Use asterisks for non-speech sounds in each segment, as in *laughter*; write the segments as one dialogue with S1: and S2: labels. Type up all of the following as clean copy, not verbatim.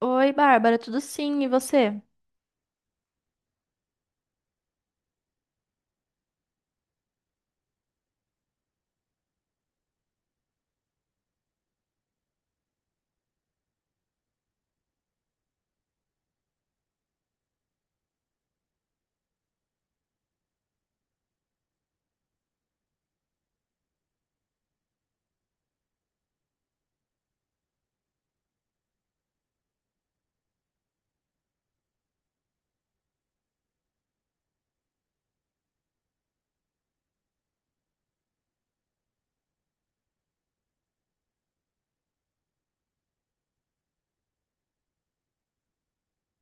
S1: Oi, Bárbara, tudo sim, e você?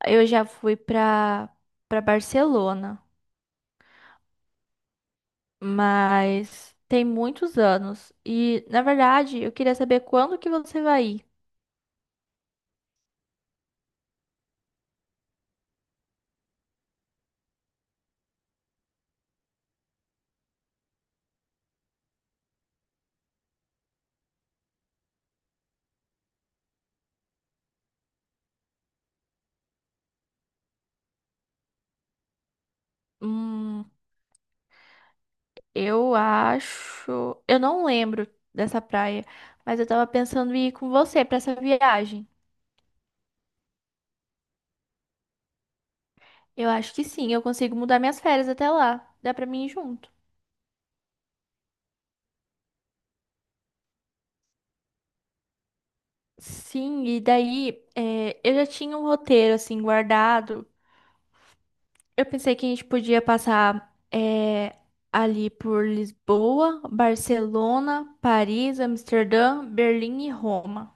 S1: Eu já fui pra para Barcelona, mas tem muitos anos. E, na verdade, eu queria saber quando que você vai ir. Hum, eu não lembro dessa praia, mas eu tava pensando em ir com você pra essa viagem. Eu acho que sim, eu consigo mudar minhas férias até lá. Dá pra mim ir junto. Sim, e daí, eu já tinha um roteiro assim guardado. Eu pensei que a gente podia passar ali por Lisboa, Barcelona, Paris, Amsterdã, Berlim e Roma.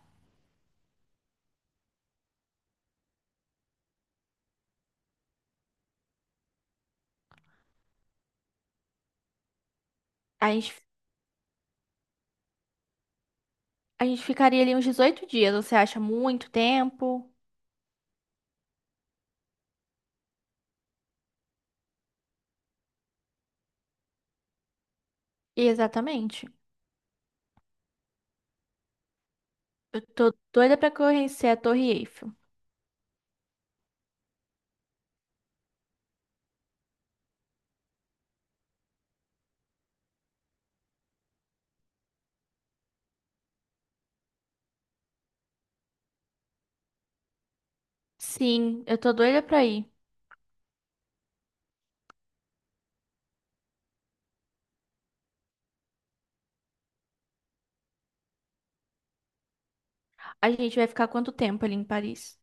S1: A gente, a gente ficaria ali uns 18 dias, você acha muito tempo? Exatamente. Eu tô doida pra conhecer a Torre Eiffel. Sim, eu tô doida pra ir. A gente vai ficar quanto tempo ali em Paris?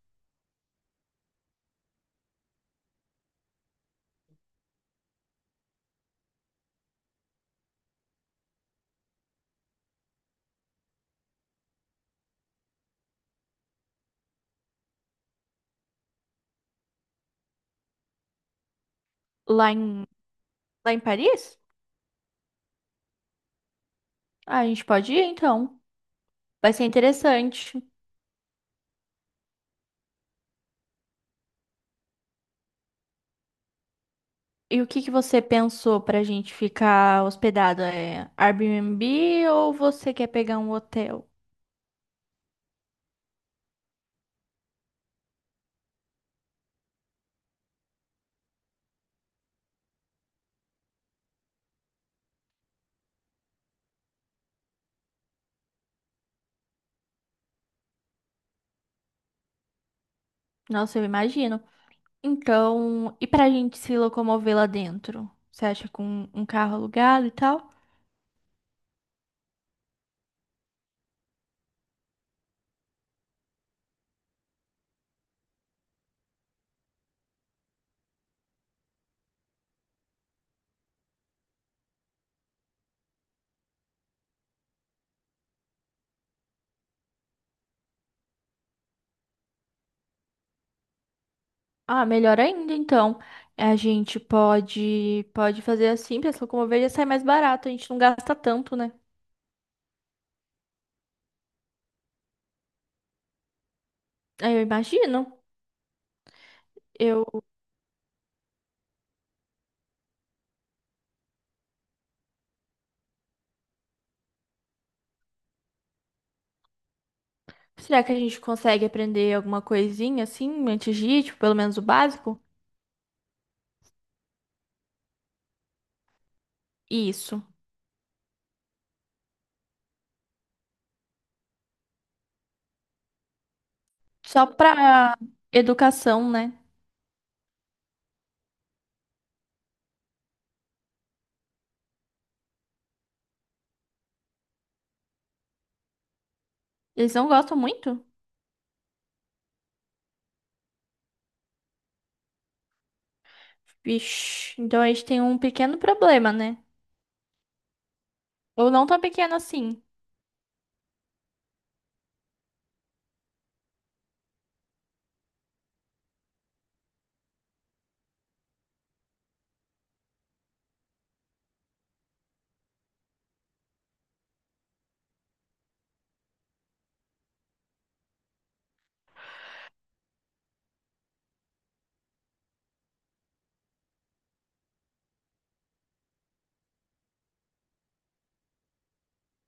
S1: Lá em, lá em Paris? Ah, a gente pode ir então. Vai ser interessante. E o que que você pensou pra gente ficar hospedado? É Airbnb ou você quer pegar um hotel? Nossa, eu imagino. Então, e pra gente se locomover lá dentro? Você acha com um carro alugado e tal? Ah, melhor ainda, então. A gente pode fazer assim pra se locomover, já sai mais barato, a gente não gasta tanto, né? Ah, eu imagino. Eu, será que a gente consegue aprender alguma coisinha assim antes de ir, tipo, pelo menos o básico? Isso. Só pra educação, né? Eles não gostam muito? Vixe, então a gente tem um pequeno problema, né? Ou não tão pequeno assim.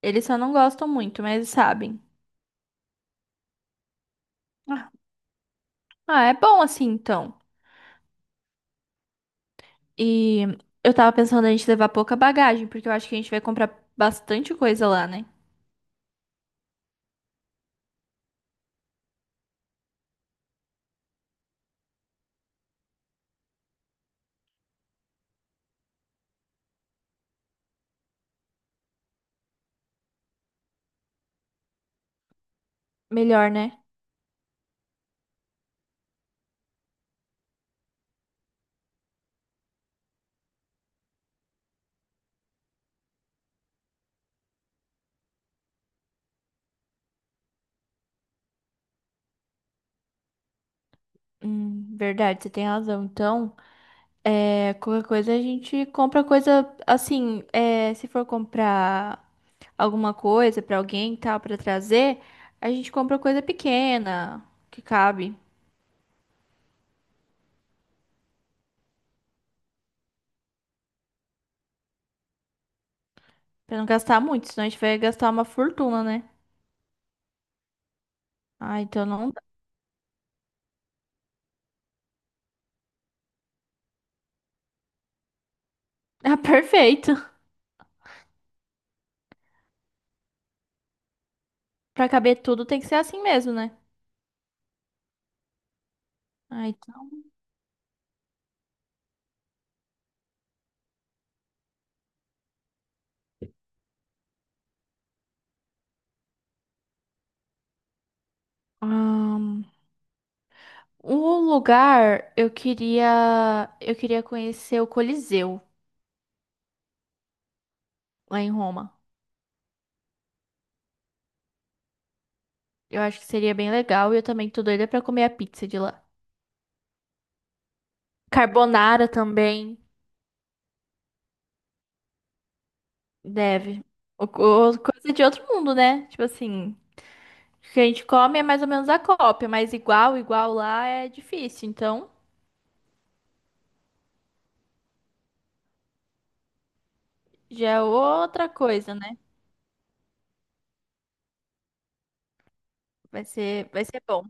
S1: Eles só não gostam muito, mas eles sabem. Ah, ah, é bom assim então. E eu tava pensando a gente levar pouca bagagem, porque eu acho que a gente vai comprar bastante coisa lá, né? Melhor, né? Verdade, você tem razão. Então, é, qualquer coisa a gente compra coisa assim, é, se for comprar alguma coisa pra alguém e tal, pra trazer, a gente compra coisa pequena, que cabe. Pra não gastar muito, senão a gente vai gastar uma fortuna, né? Ah, então não dá. *laughs* Ah, perfeito. Pra caber tudo tem que ser assim mesmo, né? Ah, então. Ahn, um lugar, eu queria conhecer o Coliseu lá em Roma. Eu acho que seria bem legal e eu também tô doida pra comer a pizza de lá. Carbonara também, deve. O- coisa de outro mundo, né? Tipo assim, o que a gente come é mais ou menos a cópia, mas igual, igual lá é difícil. Então, já é outra coisa, né? Vai ser bom.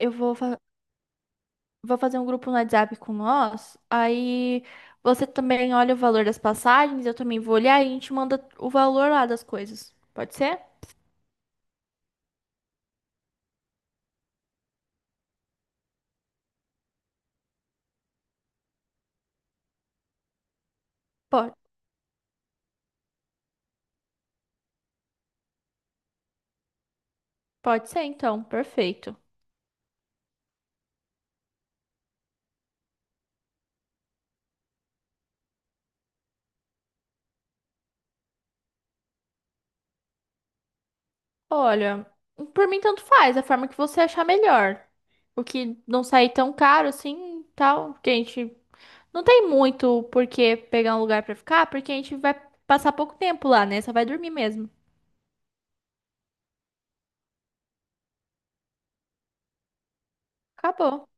S1: Eu vou, fa- vou fazer um grupo no WhatsApp com nós. Aí você também olha o valor das passagens, eu também vou olhar e a gente manda o valor lá das coisas. Pode ser? Pode, pode ser, então. Perfeito. Olha, por mim tanto faz, a forma que você achar melhor. O que não sair tão caro assim, tal, porque a gente não tem muito por que pegar um lugar pra ficar, porque a gente vai passar pouco tempo lá, né? Só vai dormir mesmo. Acabou.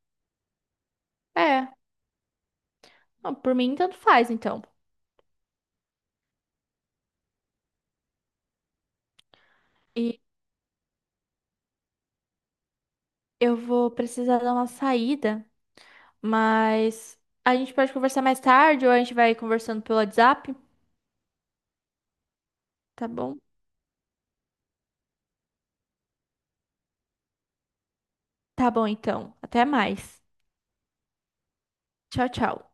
S1: É, não, por mim tanto faz, então. E eu vou precisar dar uma saída, mas a gente pode conversar mais tarde ou a gente vai conversando pelo WhatsApp, tá bom? Tá bom, então. Até mais. Tchau, tchau.